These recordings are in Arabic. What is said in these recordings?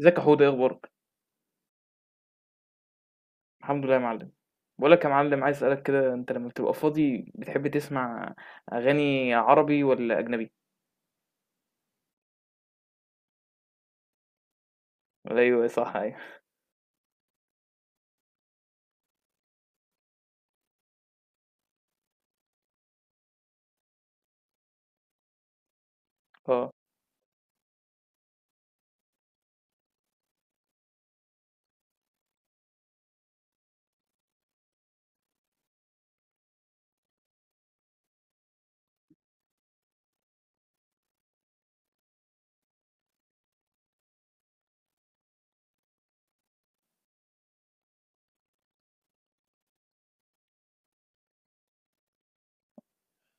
ازيك يا حوده؟ ايه اخبارك؟ الحمد لله يا معلم. بقول لك يا معلم، عايز اسالك كده، انت لما بتبقى فاضي بتحب تسمع اغاني عربي ولا اجنبي؟ ولا ايوه صح، ايوه، اه.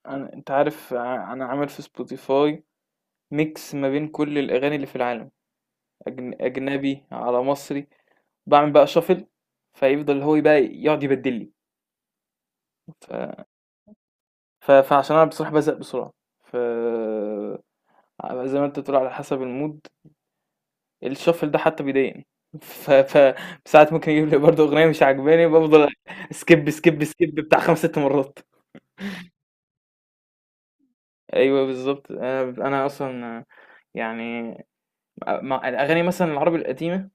انا، انت عارف، انا عامل في سبوتيفاي ميكس ما بين كل الاغاني اللي في العالم، اجنبي على مصري. بعمل بقى شافل، فيفضل هو بقى يقعد يبدل لي، ف... فعشان انا بصراحه بزهق بسرعه، ف زي ما انت بتقول على حسب المود. الشفل ده حتى بيضايقني، ف ف ساعات ممكن يجيب لي برضه أغنية مش عاجباني، بافضل سكيب سكيب سكيب بتاع 5 6 مرات. أيوه بالضبط. أنا أصلًا، يعني مع الأغاني مثلًا العربي القديمة،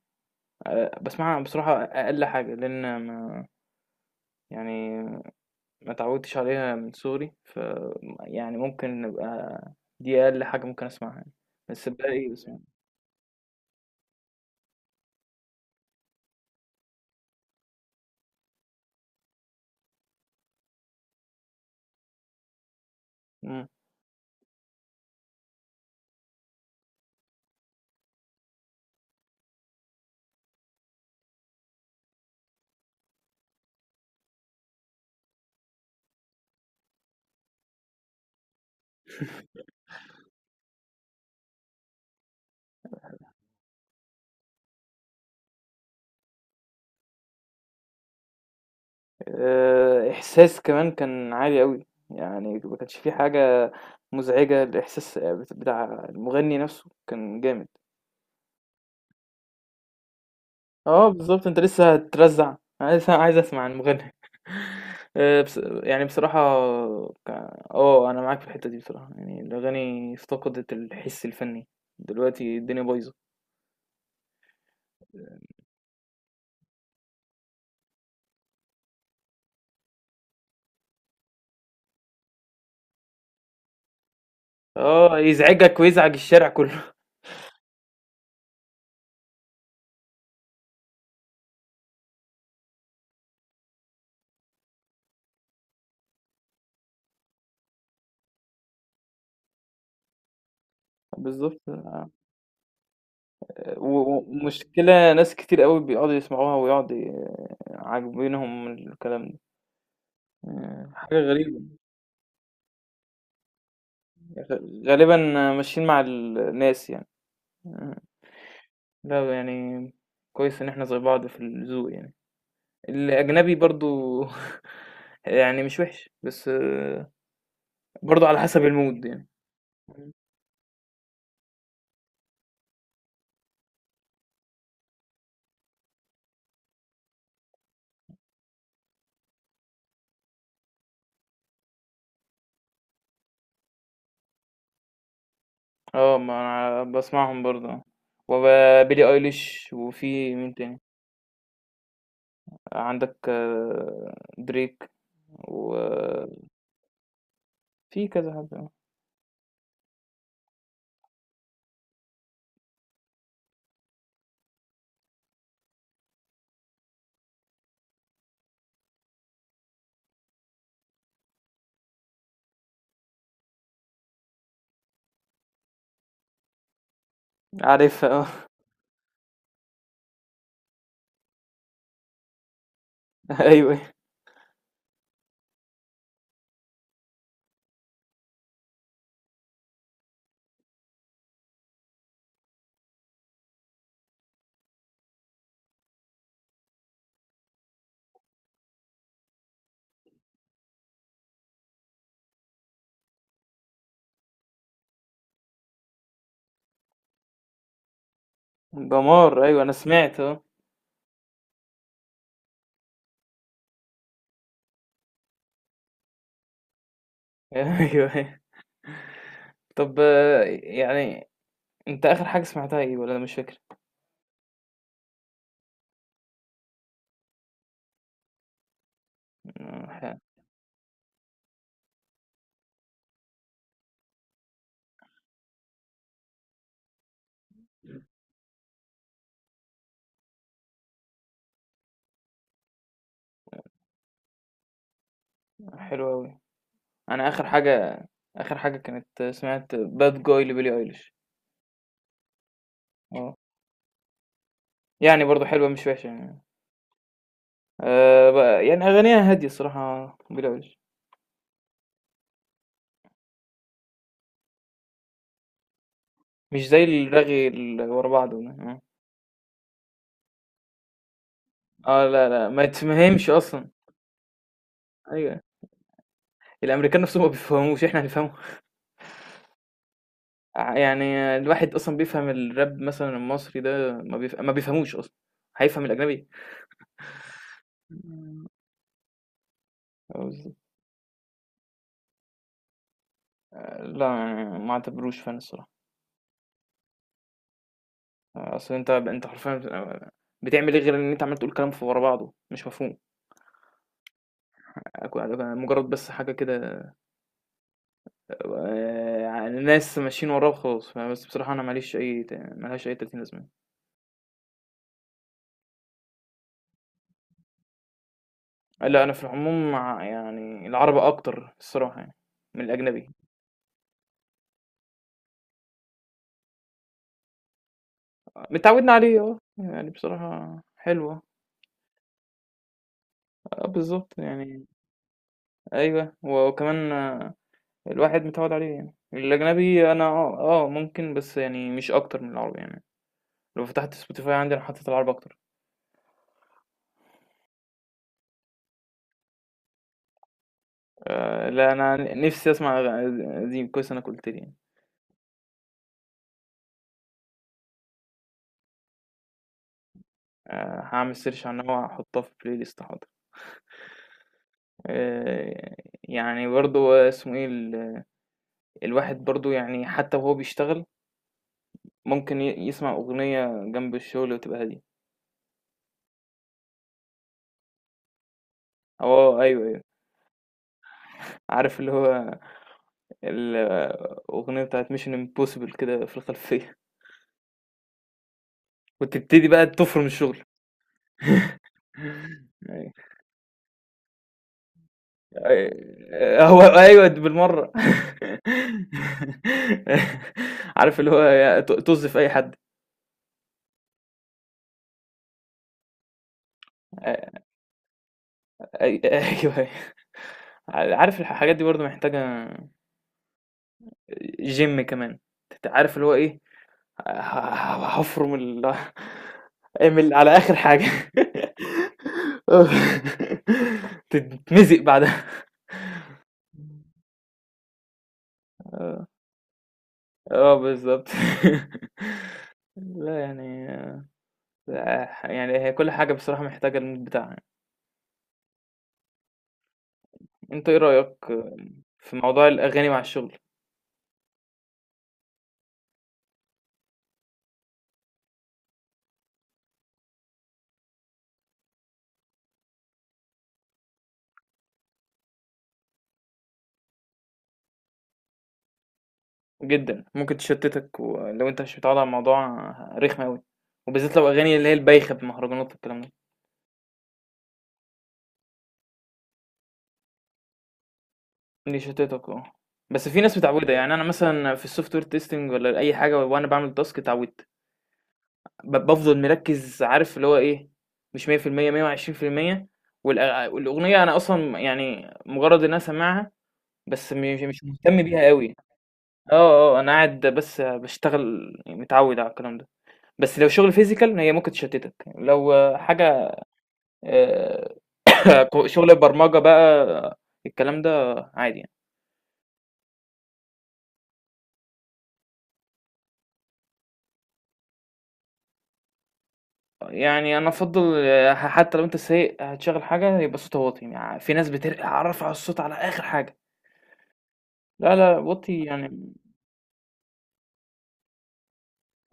باسمعها بصراحة أقل حاجة، لإن ما، يعني، ما اتعودتش عليها من صغري، يعني ممكن نبقى، دي أقل حاجة ممكن أسمعها يعني، بس الباقي باسمعه. إمم. إحساس كمان كان عالي أوي، يعني ما كانش في حاجة مزعجة، الإحساس بتاع المغني نفسه كان جامد. آه بالضبط، أنت لسه هترزّع، أنا لسه عايز أسمع المغني. بص يعني بصراحة، ك آه، أنا معاك في الحتّة دي بصراحة، يعني الأغاني افتقدت الحِس الفني، دلوقتي الدنيا بايظة. آه، يزعجك ويزعج الشارع كُلّه. بالضبط. و- ومشكلة ناس كتير قوي بيقعدوا يسمعوها ويقعدوا عاجبينهم الكلام ده. آه، حاجة غريبة. غالبا ماشيين مع الناس يعني. آه، لا يعني كويس ان احنا زي بعض في الذوق يعني، الاجنبي برضو. يعني مش وحش، بس برضو على حسب المود يعني. اه، ما انا بسمعهم برضو. وبيلي ايليش، وفي مين تاني؟ عندك دريك، وفي كذا حد. عارفها آه. أيوه، دمار. أيوه، أنا سمعت آه. أيوه، أيوه. طب، يعني أنت آخر حاجة سمعتها إيه، والّا أنا مش فاكر؟ آه، حلو أوي. أنا آخر حاجة كانت، سمعت Bad Guy لBillie Eilish. آه. يعني برضه حلوة مش وحشة يعني. ب يعني أغانيها هادية الصراحة Billie Eilish. مش زي الرغي اللي ورا بعضه ده، آه. آه، لا، لا، ما يتفهمش أصلًا. أيوه، الأمريكان نَفْسهم ما بيفهموش، إحنا هنفهمهم؟ يعني الواحد أصلًا بيفهم الراب مثلًا المصري ده ما بيفهموش أصلًا، هيفهم الأجنبي؟ إمم. قصدي، لأ، يعني ما اعتبروش فن الصراحة. أصل أنت حرفيًا بتبقى بتعمل إيه غير إن أنت عمّال تقول كلام ورا بعضه مش مفهوم، مجرد بس حاجة كده، ناس ماشيين وراه وخلاص، فبس بصراحة أنا ما لهاش أي 30 لازمة. لأ، أنا في العموم مع، يعني، العربي أكتر الصراحة، يعني من الأجنبي، متعودنا عليه، يعني بصراحة حلو آه. آه بالضبط يعني. أيوه، وكمان، الواحد متعوّد عليه يعني. الأجنبي أنا ممكن، بس يعني مش أكتر من العربي يعني. لو فتحت spotify عندي أنا حطيت العربي أكتر. لأ، أنا نفسي أسمع قديم، كويس إنّك قُلت لي يعني. هاعمل search عنها وهاحطها في الplay list، حاضر. آآ يعني برضه اسمه إيه، الواحد برضه، يعني، حتّى وهو بيشتغل ممكن يسمع أغنية جنب الشغل وتبقى هادية. آه أيوه، أيوه. عارف اللي هو الأغنية بتاعة Mission Impossible كده في الخلفية. وتبتدي بقى تفرم الشغل. أيوة. آه، هو أيوه بالمرة. عارف اللي هو طز في أي حد. آه، أيوه. عارف الحاجات دي برضه محتاجة جيم كمان، أنت عارف اللي هو إيه، هفرم اعمل على آخر حاجة. تتمزق بعدها. اه بالظبط. لا يعني، لا، يعني هي كل حاجة بصراحة محتاجة المود بتاعها. انت ايه رأيك في موضوع الأغاني مع الشغل؟ جدا ممكن تشتتك، ولو انت مش متعود على الموضوع رخم أوي، وبالذات لو أغاني اللي هي البايخة، بمهرجانات والكلام ده. دي شتتك اه، بس في ناس متعودة، يعني أنا مثلا في السوفت وير تيستنج ولا أي حاجة وأنا بعمل تاسك اتعودت، بافضل مركّز، عارف اللي هو إيه، مش 100% 120%. والأ والأغنية أنا أصلًا، يعني مجرّد إن أنا سامعها، بس مش مهتم بيها أوي. آه، آه، أنا قاعد بس باشتغل، متعوّد على الكلام ده. بس لو شغل physical هي ممكن تشتتك، لو حاجة، آآ ك شغل برمجة بقى الكلام ده عادي يعني. يعني أنا أفضّل، حتى لو أنت سايق هتشغّل حاجة يبقى صوتها واطي. في ناس رافعة الصوت على آخر حاجة. لا، لا، وطّي يعني.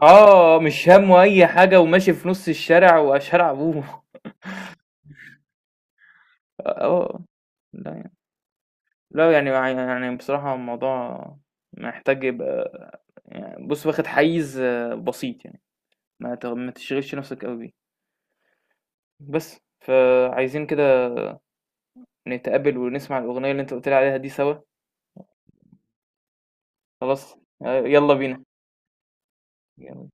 آه، مش هَمّه أي حاجة وماشي في نُص الشارع وشارع أبوه. آه، آه. لأ يعني لأ يعني يع يعني بصراحة الموضوع محتاج يبقى، يعني بُص، واخد حيّز بسيط يعني، ما تشغلش نَفْسك أوي بيه. بس فعايزين كده نتقابل ونسمع الأغنية اللي أنت قُلت لي عليها دي سوا. خلاص. يالّا بينا. يالّا.